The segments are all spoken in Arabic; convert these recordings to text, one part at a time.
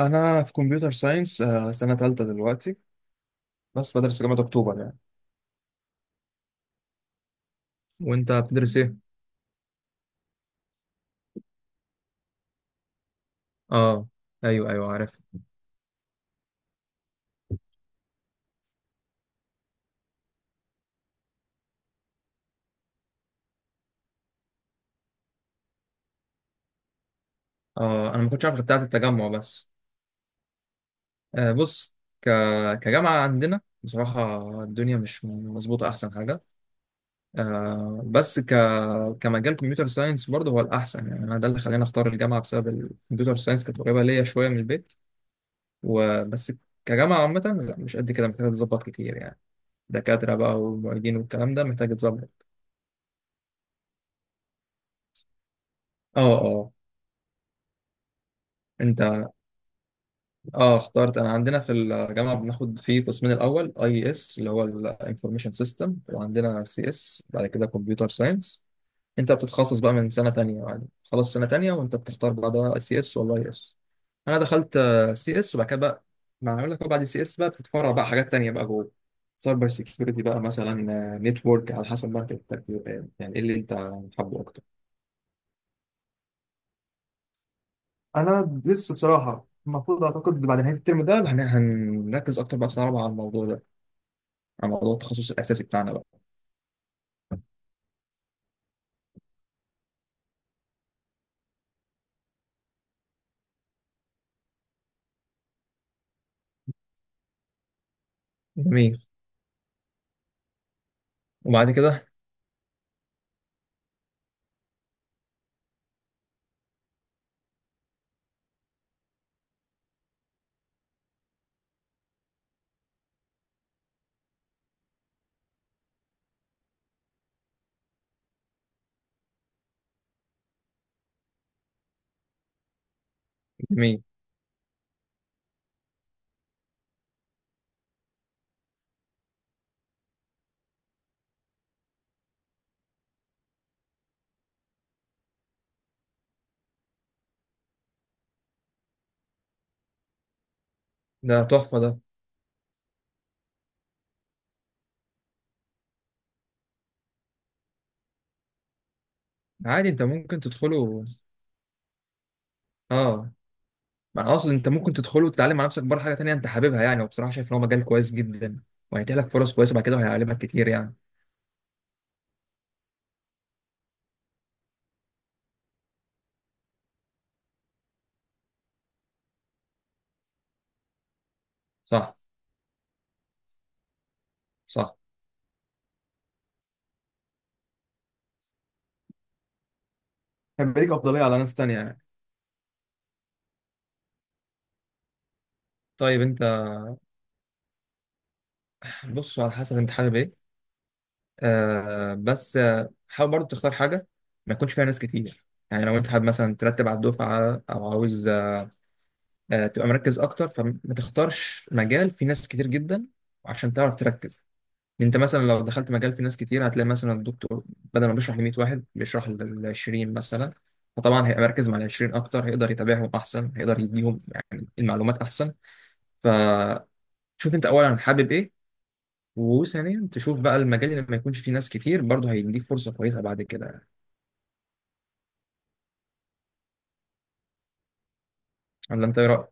انا في كمبيوتر ساينس، سنه ثالثه دلوقتي. بس بدرس في جامعه اكتوبر يعني. وانت بتدرس ايه؟ اه، ايوه ايوه عارف. اه، انا ما كنتش عارف غير بتاعت التجمع بس. آه بص، ك... كجامعه عندنا بصراحه، الدنيا مش مظبوطه، احسن حاجه. آه بس كمجال كمبيوتر ساينس برضه هو الاحسن، يعني انا ده اللي خلاني اختار الجامعه بسبب الكمبيوتر ساينس، كانت قريبه ليا شويه من البيت وبس. كجامعه عامه لا، مش قد كده، محتاجه تظبط كتير يعني، دكاترة بقى ومعيدين والكلام ده محتاج يتظبط. اه اه. انت اه اخترت. انا عندنا في الجامعة بناخد فيه قسمين، الاول اي اس اللي هو الانفورميشن سيستم، وعندنا سي اس بعد كده كمبيوتر ساينس. انت بتتخصص بقى من سنة تانية يعني، خلاص سنة تانية وانت بتختار بعدها سي اس ولا اي اس. انا دخلت سي اس، وبعد كده بقى ما اقول لك، هو بعد سي اس بقى بتتفرع بقى حاجات تانية بقى جوه، سايبر سيكيورتي بقى مثلا، نتورك، على حسب ما انت بتركز، يعني ايه اللي انت حابه اكتر. انا لسه بصراحه، المفروض اعتقد بعد نهايه الترم ده هنركز اكتر بقى في سنه رابعه على الموضوع ده، على موضوع التخصص الاساسي بتاعنا بقى. جميل. وبعد كده. جميل. ده تحفه ده. عادي، انت ممكن تدخله. اه، ما اقصد انت ممكن تدخله وتتعلم على نفسك بره حاجه تانية انت حاببها يعني، وبصراحه شايف ان هو مجال كويس جدا، وهيتيح لك فرص كويسه بعد كده، وهيعلمك كتير يعني. صح. صح، هيبقى ليك افضليه على ناس تانية يعني. طيب انت، بص على حسب انت حابب ايه. آه بس حاول برضو تختار حاجة ما يكونش فيها ناس كتير، يعني لو انت حابب مثلا ترتب على الدفعة او عاوز آه تبقى مركز اكتر، فما تختارش مجال فيه ناس كتير جدا عشان تعرف تركز. انت مثلا لو دخلت مجال فيه ناس كتير، هتلاقي مثلا الدكتور بدل ما بيشرح ل 100 واحد بيشرح لل 20 مثلا، فطبعا هيبقى مركز مع ال 20 اكتر، هيقدر يتابعهم احسن، هيقدر يديهم يعني المعلومات احسن. فشوف، انت اولا حابب ايه، وثانيا تشوف بقى المجال اللي ما يكونش فيه ناس كتير برضه، هيديك فرصة كويسة بعد كده. ولا انت ايه رايك؟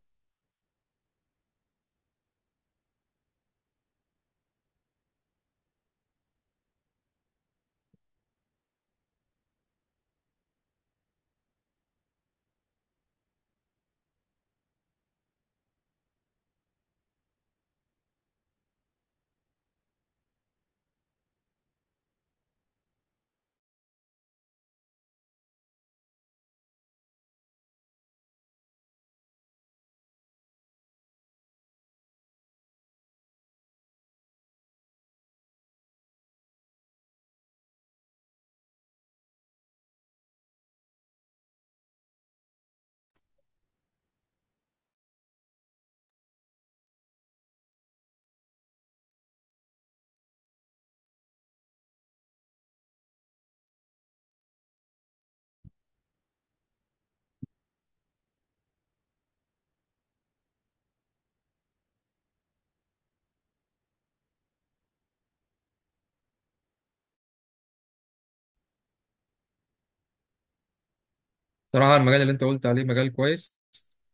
صراحه المجال اللي انت قلت عليه مجال كويس،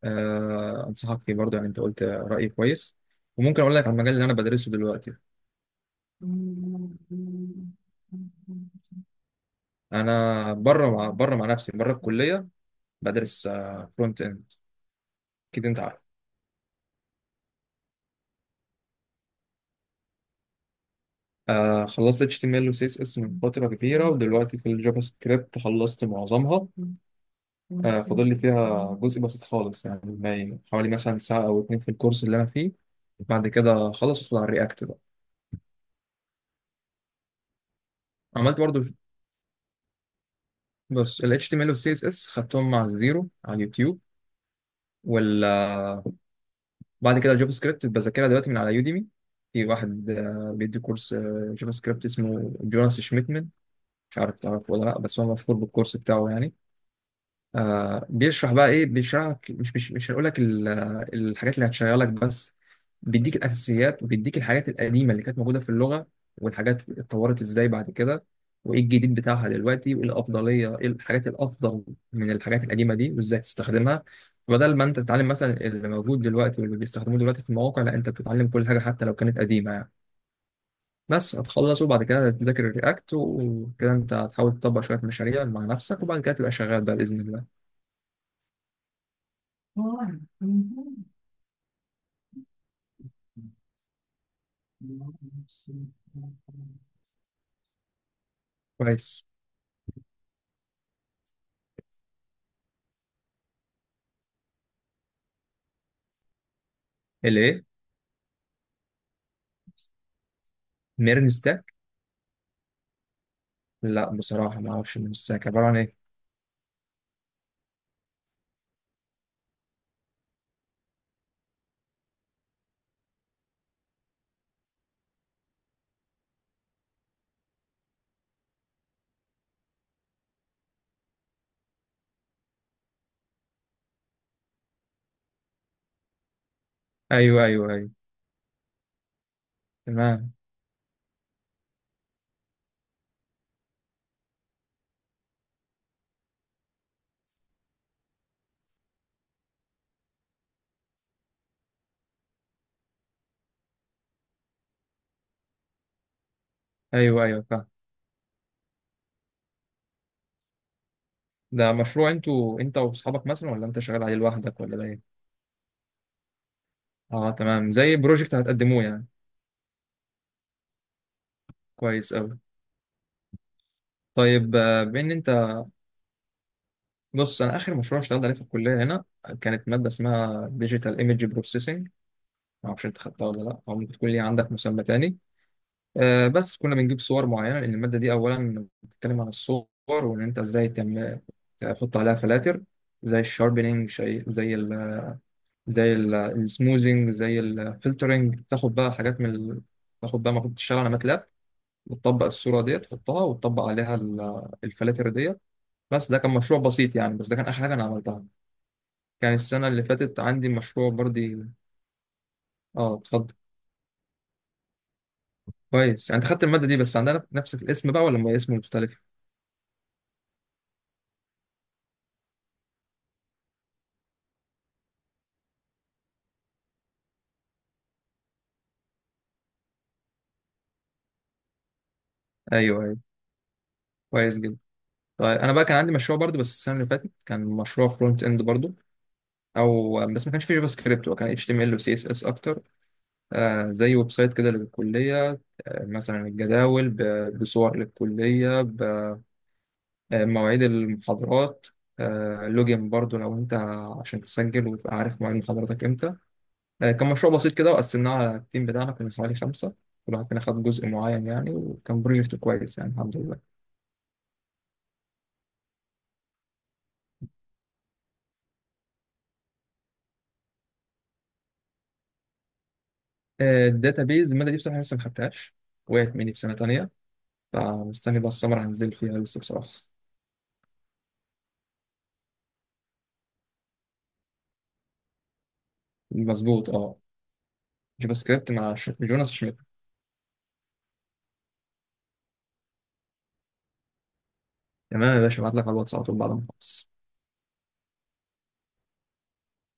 آه انصحك فيه برضه، يعني انت قلت راي كويس. وممكن اقول لك على المجال اللي انا بدرسه دلوقتي. انا بره، مع بره، مع نفسي بره الكليه، بدرس فرونت اند. اكيد انت عارف. آه، خلصت HTML و CSS من فترة كبيرة، ودلوقتي في الجافا سكريبت خلصت معظمها. آه فاضل لي فيها جزء بسيط خالص يعني، حوالي مثلا ساعة أو اتنين في الكورس اللي أنا فيه. بعد كده خلصت على الرياكت بقى. عملت برضو، بص ال HTML وال CSS خدتهم مع الزيرو على اليوتيوب ولا. بعد كده الجافا سكريبت بذاكرها دلوقتي من على يوديمي. في واحد بيدي كورس جافا سكريبت اسمه جوناس شميتمن، مش عارف تعرفه ولا لا، بس هو مشهور بالكورس بتاعه يعني. آه بيشرح بقى ايه، بيشرح لك، مش هقول لك الحاجات اللي هتشغلك بس، بيديك الاساسيات وبيديك الحاجات القديمه اللي كانت موجوده في اللغه، والحاجات اتطورت ازاي بعد كده، وايه الجديد بتاعها دلوقتي، وايه الافضليه، ايه الحاجات الافضل من الحاجات القديمه دي، وازاي تستخدمها. بدل ما انت تتعلم مثلا اللي موجود دلوقتي واللي بيستخدموه دلوقتي في المواقع، لا انت بتتعلم كل حاجه حتى لو كانت قديمه يعني. بس هتخلص وبعد كده تذاكر الرياكت وكده، انت هتحاول تطبق شويه مشاريع مع نفسك، وبعد كده تبقى شغال بقى باذن الله. كويس. الايه؟ ميرنستاك. لا بصراحه ما اعرفش ميرنستاك عباره عن ايه. ايوه ايوه ايوه. تمام. ايوه ايوه فاهم. ده مشروع انتوا، انت واصحابك مثلا، ولا انت شغال عليه لوحدك، ولا ده ايه؟ اه تمام، زي بروجكت هتقدموه يعني. كويس قوي. طيب آه، بما ان انت، بص انا اخر مشروع اشتغلت عليه في الكليه هنا، كانت ماده اسمها ديجيتال ايمج بروسيسنج، ما اعرفش انت خدتها ولا لا، او ممكن تكون ليها عندك مسمى تاني. آه، بس كنا بنجيب صور معينة لأن المادة دي أولا بتتكلم عن الصور، وإن أنت إزاي تعمل تحط عليها فلاتر، زي الشاربينج، شيء زي ال، زي السموزنج، زي الفلترنج، تاخد بقى حاجات من تاخد بقى المفروض تشتغل على ماتلاب، وتطبق الصورة دي تحطها وتطبق عليها الفلاتر ديت. بس ده كان مشروع بسيط يعني، بس ده كان آخر حاجة أنا عملتها. كان السنة اللي فاتت عندي مشروع برضه. اه اتفضل. كويس، يعني أنت خدت المادة دي بس عندنا نفس الاسم بقى ولا اسم مختلف؟ أيوه أيوه، كويس جدا. طيب انا بقى كان عندي مشروع برضو، بس السنه اللي فاتت كان مشروع فرونت اند برضو، او بس ما كانش فيه جافا سكريبت، هو كان اتش تي ام ال وسي اس اس اكتر. آه زي ويب سايت كده للكليه، آه مثلا الجداول بصور للكليه، بمواعيد المحاضرات. آه لوجين برضو لو انت عشان تسجل وتبقى عارف مواعيد محاضراتك امتى. آه كان مشروع بسيط كده، وقسمناه على التيم بتاعنا، كنا حوالي خمسه، كل واحد فينا خد جزء معين يعني، وكان بروجكت كويس يعني الحمد لله. الداتابيز الماده دي بصراحه لسه ما خدتهاش، وقعت مني في سنه تانية، فمستني بقى السمر هنزل فيها لسه بصراحة. مظبوط اه. جافا سكريبت مع جوناس شميت. تمام يا باشا، ابعت لك على الواتس على طول بعد ما اخلص.